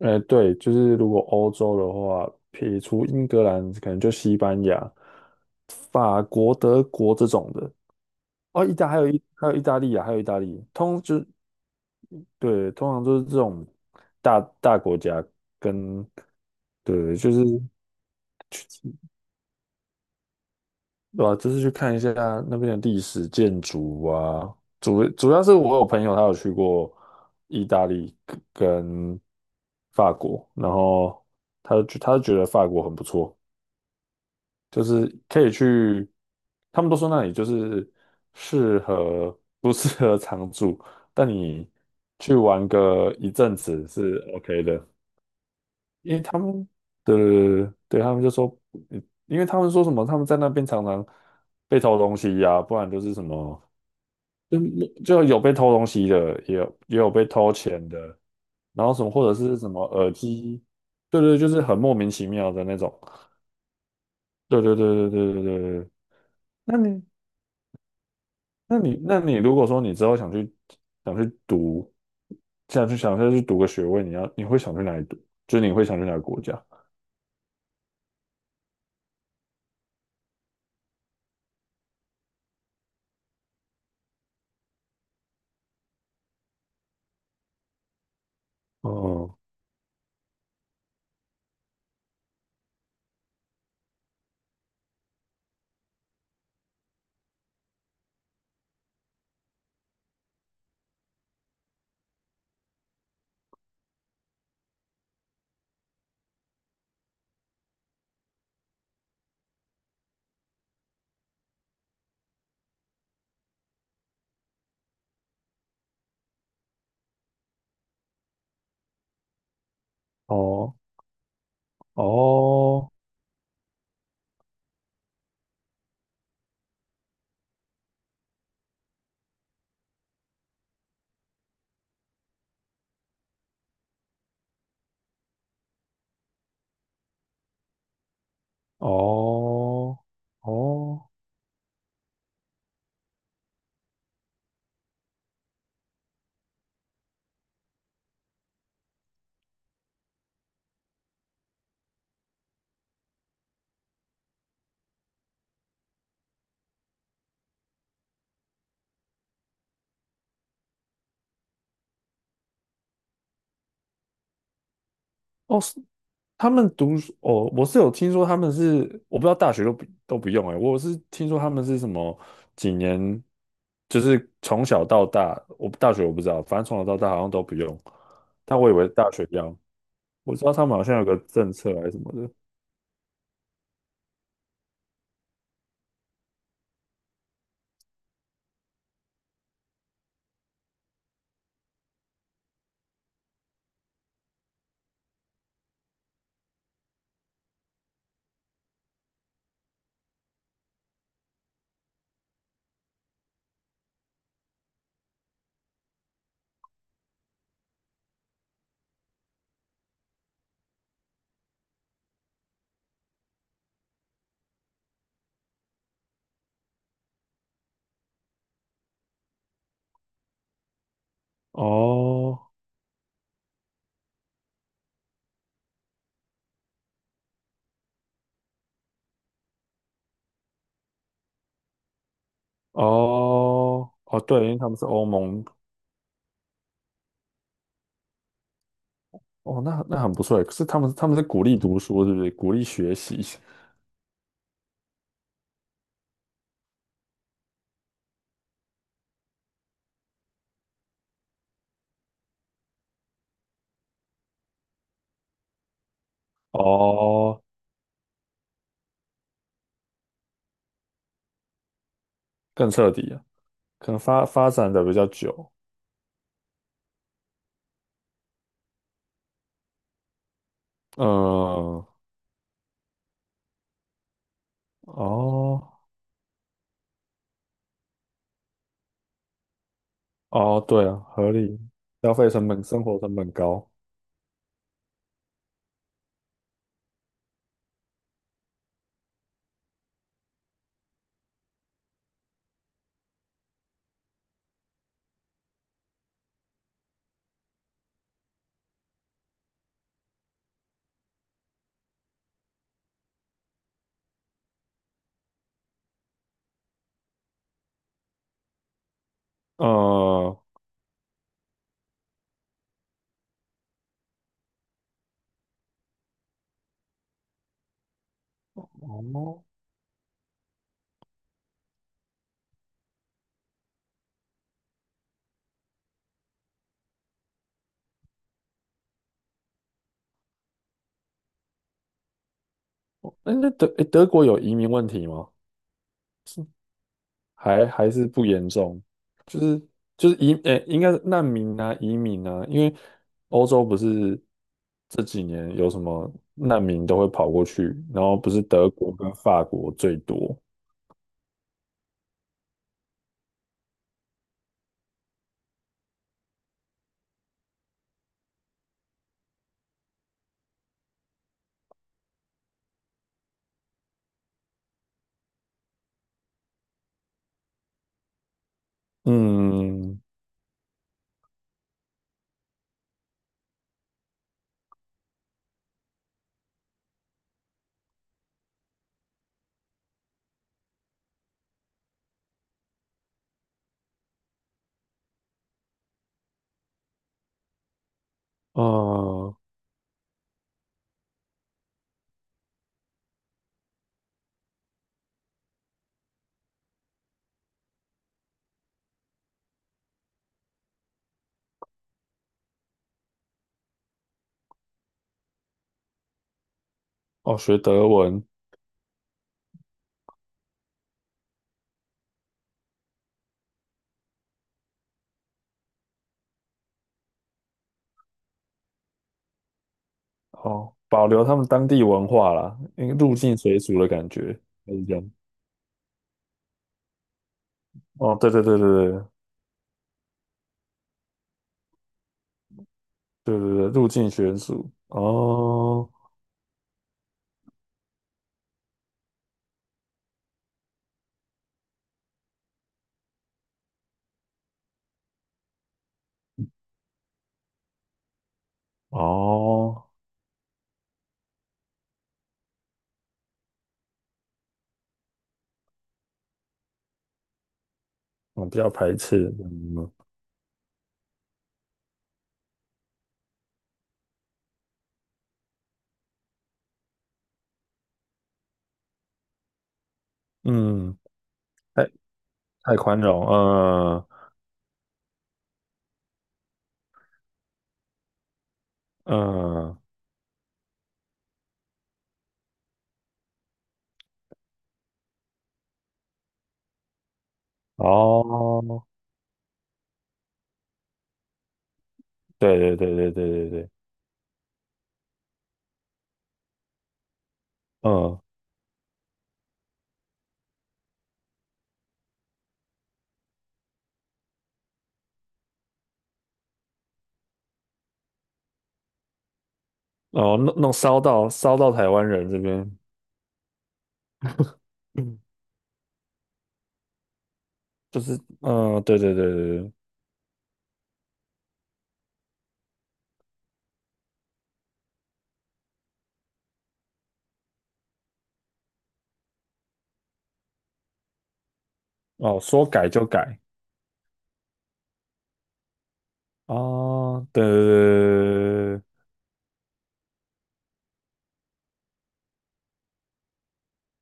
对，就是如果欧洲的话，撇除英格兰，可能就西班牙、法国、德国这种的。哦，意大利啊，还有意大利，对，通常都是这种大国家跟对，就是去对吧？就是去看一下那边的历史建筑啊，主要是我有朋友他有去过意大利跟法国，然后他就觉得法国很不错，就是可以去，他们都说那里就是适合不适合常住，但你去玩个一阵子是 OK 的。因为他们的对他们就说，嗯，因为他们说什么，他们在那边常常被偷东西呀、不然就是什么，就就有被偷东西的，也有被偷钱的，然后什么或者是什么耳机，对对，就是很莫名其妙的那种，对对对对对对对对。那你那你如果说你之后想去读，想再去读个学位，你会想去哪里读？就是你会想去哪个国家？嗯。哦哦。哦。哦。哦，是他们读书哦，我是有听说他们是，我不知道大学都不用哎、我是听说他们是什么几年，就是从小到大，我大学我不知道，反正从小到大好像都不用，但我以为大学要，我知道他们好像有个政策还是什么的。哦。哦。哦，对，因为他们是欧盟。哦，那很不错诶，可是他们是鼓励读书，是不是？鼓励学习。哦，更彻底啊。可能发展的比较久。嗯。哦哦，对啊，合理，消费成本、生活成本高。嗯。哦。哎，那德国有移民问题吗？还是不严重？就是就是，应该是难民啊，移民啊，因为欧洲不是这几年有什么难民都会跑过去，然后不是德国跟法国最多。嗯。啊。哦，学德文。哦，保留他们当地文化啦，因为入境随俗的感觉，就是这样。哦，对对对对对对对对，入境随俗。哦哦，我比较排斥。嗯嗯。太太宽容。嗯嗯。哦，对对对对对对对。嗯。哦，烧到台湾人这边。嗯，就是，嗯，对对对对对。哦，说改就改。哦，对对对对对对，对。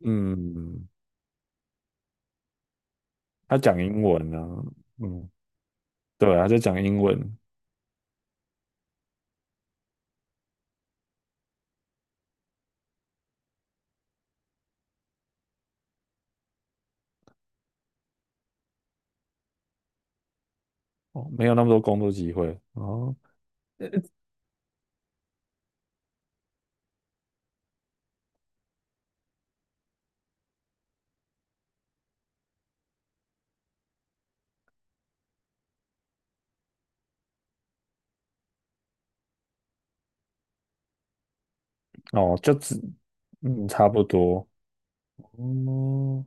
嗯。他讲英文呢。嗯，对，他在讲英文。哦，没有那么多工作机会。哦。哦，就只，嗯，差不多。哦。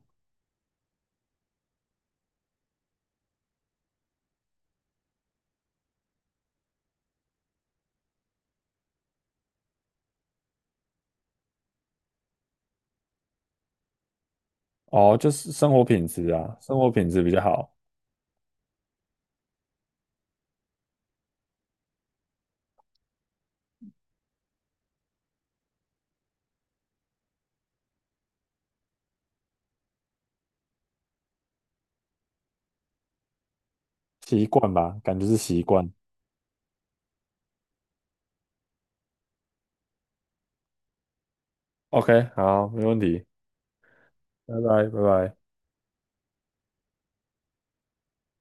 哦，就是生活品质啊，生活品质比较好。习惯吧，感觉是习惯。OK，好，没问题。拜拜，拜拜。